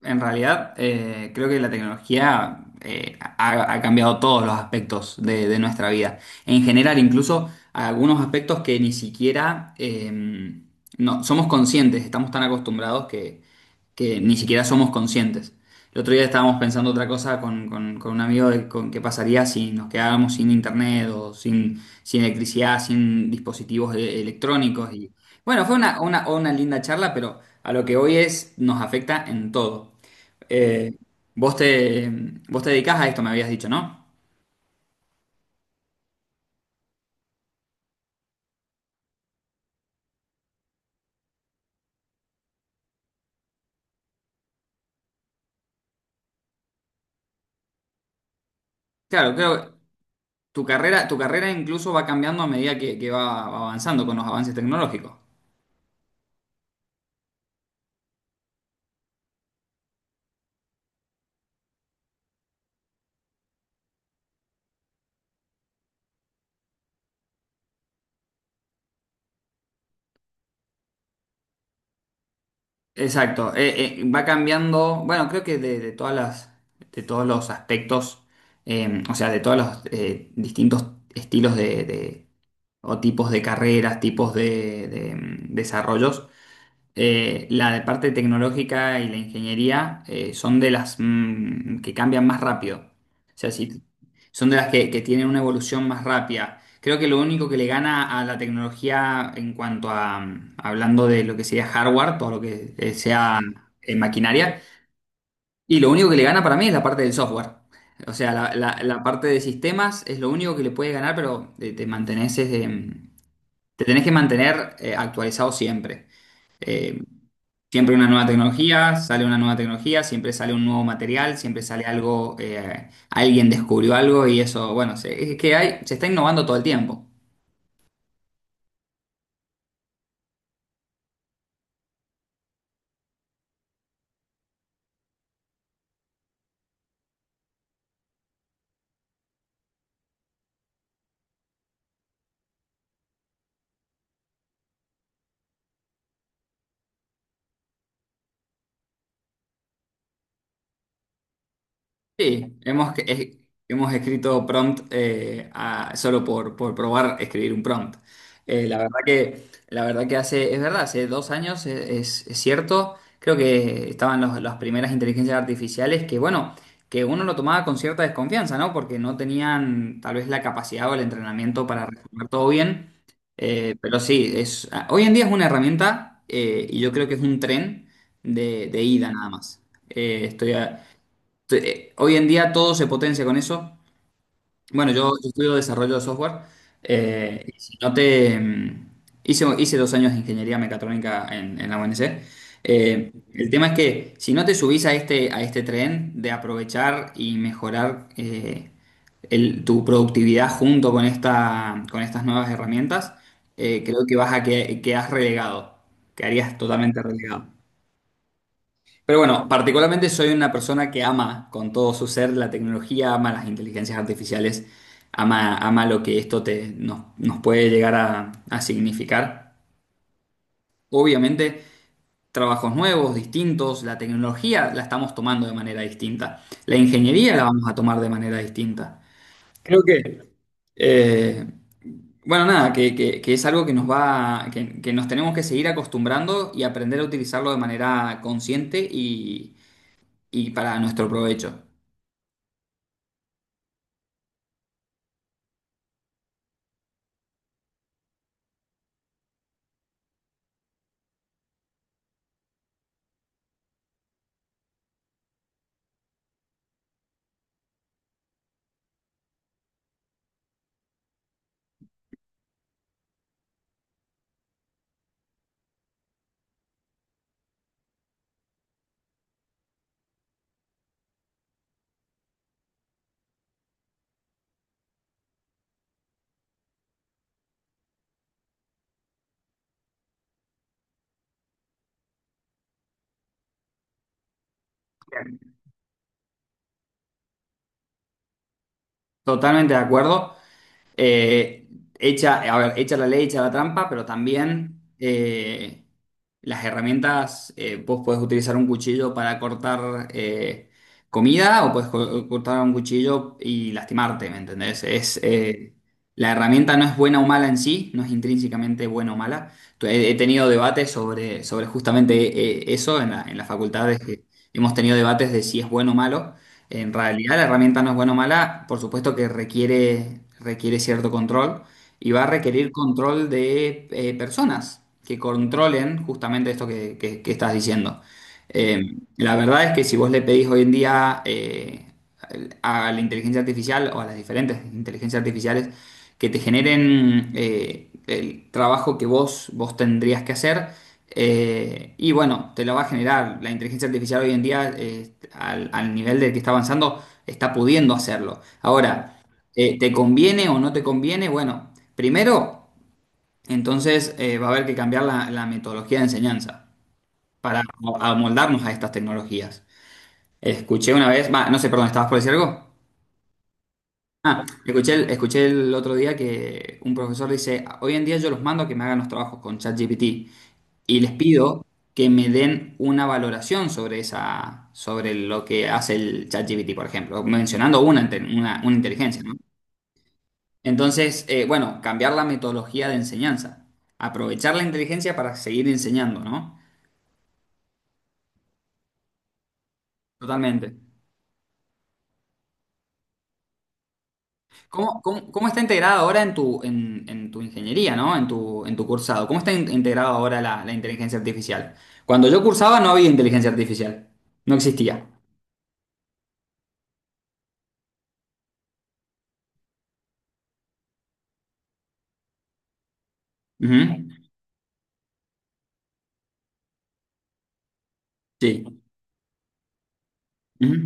En realidad, creo que la tecnología ha cambiado todos los aspectos de nuestra vida. En general, incluso algunos aspectos que ni siquiera no, somos conscientes, estamos tan acostumbrados que ni siquiera somos conscientes. El otro día estábamos pensando otra cosa con un amigo de con qué pasaría si nos quedáramos sin internet o sin electricidad, sin dispositivos electrónicos. Bueno, fue una linda charla, pero a lo que hoy es, nos afecta en todo. Eh, vos te, vos te dedicás a esto, me habías dicho, ¿no? Claro, creo que tu carrera incluso va cambiando a medida que va avanzando con los avances tecnológicos. Exacto, va cambiando, bueno, creo que de todos los aspectos, o sea, de todos los distintos estilos o tipos de carreras, tipos desarrollos. La de parte tecnológica y la ingeniería son de las que cambian más rápido. O sea, son de las que tienen una evolución más rápida. Creo que lo único que le gana a la tecnología en cuanto a hablando de lo que sería hardware, todo lo que sea maquinaria, y lo único que le gana para mí es la parte del software. O sea, la parte de sistemas es lo único que le puede ganar, pero te tenés que mantener actualizado siempre. Eh, Siempre una nueva tecnología, sale una nueva tecnología, siempre sale un nuevo material, siempre sale algo, alguien descubrió algo y eso, bueno, se está innovando todo el tiempo. Sí, hemos escrito prompt solo por probar escribir un prompt. La verdad que hace, es verdad, hace 2 años, es cierto, creo que estaban las primeras inteligencias artificiales que, bueno, que uno lo tomaba con cierta desconfianza, ¿no? Porque no tenían tal vez la capacidad o el entrenamiento para responder todo bien. Pero sí, hoy en día es una herramienta y yo creo que es un tren de ida nada más. Eh, estoy a- Hoy en día todo se potencia con eso. Bueno, yo estudio desarrollo de software. Ok. Y si no te, hice 2 años de ingeniería mecatrónica en la UNC. El tema es que si no te subís a este tren de aprovechar y mejorar tu productividad junto con estas nuevas herramientas, creo que quedás relegado, quedarías totalmente relegado. Pero bueno, particularmente soy una persona que ama con todo su ser la tecnología, ama las inteligencias artificiales, ama lo que esto nos puede llegar a significar. Obviamente, trabajos nuevos, distintos, la tecnología la estamos tomando de manera distinta, la ingeniería la vamos a tomar de manera distinta. Creo que, eh, bueno, nada, que es algo que nos tenemos que seguir acostumbrando y aprender a utilizarlo de manera consciente y para nuestro provecho. Totalmente de acuerdo. Eh, a ver, hecha la ley, hecha la trampa, pero también las herramientas, vos podés utilizar un cuchillo para cortar comida o podés cortar un cuchillo y lastimarte, ¿me entendés? La herramienta no es buena o mala en sí, no es intrínsecamente buena o mala. He tenido debates sobre justamente eso en la facultad, es que hemos tenido debates de si es bueno o malo. En realidad la herramienta no es buena o mala, por supuesto que requiere cierto control y va a requerir control de personas que controlen justamente esto que estás diciendo. La verdad es que si vos le pedís hoy en día a la inteligencia artificial o a las diferentes inteligencias artificiales que te generen el trabajo que vos tendrías que hacer, y bueno, te lo va a generar. La inteligencia artificial hoy en día, al nivel del que está avanzando, está pudiendo hacerlo. Ahora, ¿te conviene o no te conviene? Bueno, primero, entonces va a haber que cambiar la metodología de enseñanza para amoldarnos a estas tecnologías. Escuché una vez, va, no sé, perdón, ¿estabas por decir algo? Ah, escuché el otro día que un profesor dice, hoy en día yo los mando a que me hagan los trabajos con ChatGPT. Y les pido que me den una valoración sobre lo que hace el ChatGPT, por ejemplo, mencionando una inteligencia, ¿no? Entonces, bueno, cambiar la metodología de enseñanza, aprovechar la inteligencia para seguir enseñando, ¿no? Totalmente. ¿Cómo está integrada ahora en tu ingeniería, ¿no? En tu cursado. ¿Cómo está integrada ahora la inteligencia artificial? Cuando yo cursaba no había inteligencia artificial. No existía. Ujú. Sí. Ujú.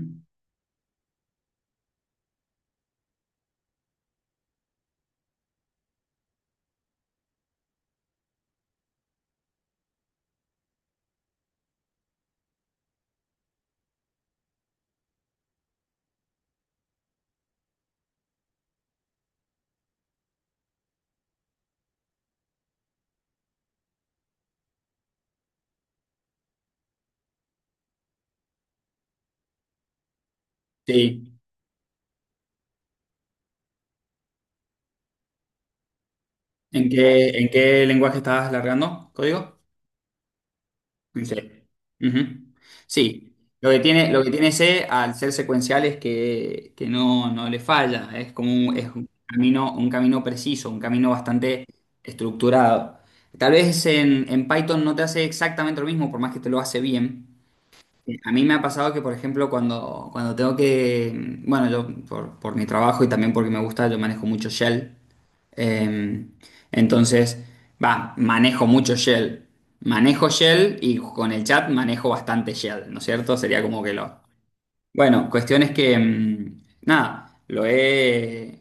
Sí. ¿En qué lenguaje estabas largando código? En C. Ujú. Sí. Lo que tiene C al ser secuencial es que no, no le falla. Es un camino preciso, un camino bastante estructurado. Tal vez en Python no te hace exactamente lo mismo, por más que te lo hace bien. A mí me ha pasado que, por ejemplo, cuando tengo que, bueno, yo por mi trabajo y también porque me gusta, yo manejo mucho Shell. Eh, entonces, va, manejo mucho Shell. Manejo Shell y con el chat manejo bastante Shell, ¿no es cierto? Sería como que lo... Bueno, cuestión es que, nada, lo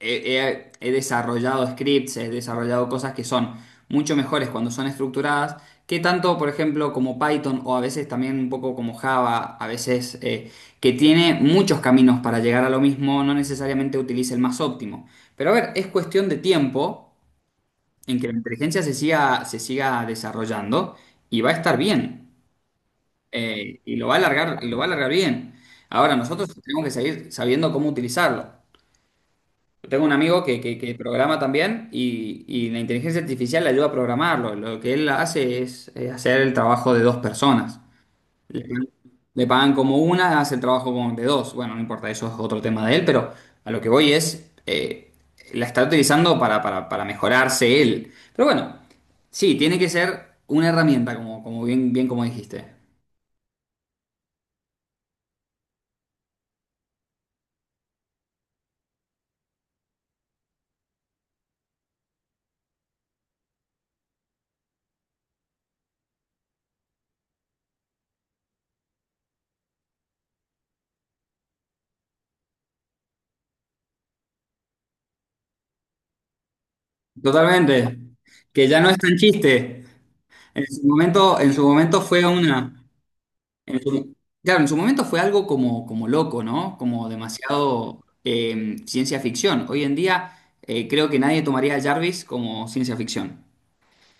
he, he desarrollado scripts, he desarrollado cosas que son mucho mejores cuando son estructuradas, que tanto, por ejemplo, como Python o a veces también un poco como Java, a veces que tiene muchos caminos para llegar a lo mismo, no necesariamente utilice el más óptimo. Pero a ver, es cuestión de tiempo en que la inteligencia se siga desarrollando y va a estar bien, y lo va a alargar, y lo va a alargar bien. Ahora, nosotros tenemos que seguir sabiendo cómo utilizarlo. Tengo un amigo que programa también y la inteligencia artificial le ayuda a programarlo. Lo que él hace es hacer el trabajo de dos personas. Le, pagan le pagan como hace el trabajo como de dos. Bueno, no importa, eso es otro tema de él, pero a lo que voy es, la está utilizando para mejorarse él. Pero bueno, sí, tiene que ser una herramienta, como bien, bien como dijiste. Totalmente. Que ya no es tan chiste. En su momento fue una... En su- claro, en su momento fue algo como loco, ¿no? Como demasiado ciencia ficción. Hoy en día creo que nadie tomaría a Jarvis como ciencia ficción.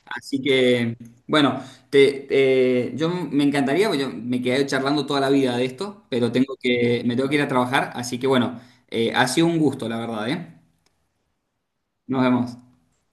Así que, bueno, yo me encantaría, porque yo me quedé charlando toda la vida de esto, pero me tengo que ir a trabajar, así que bueno, ha sido un gusto, la verdad, ¿eh? Nos vemos.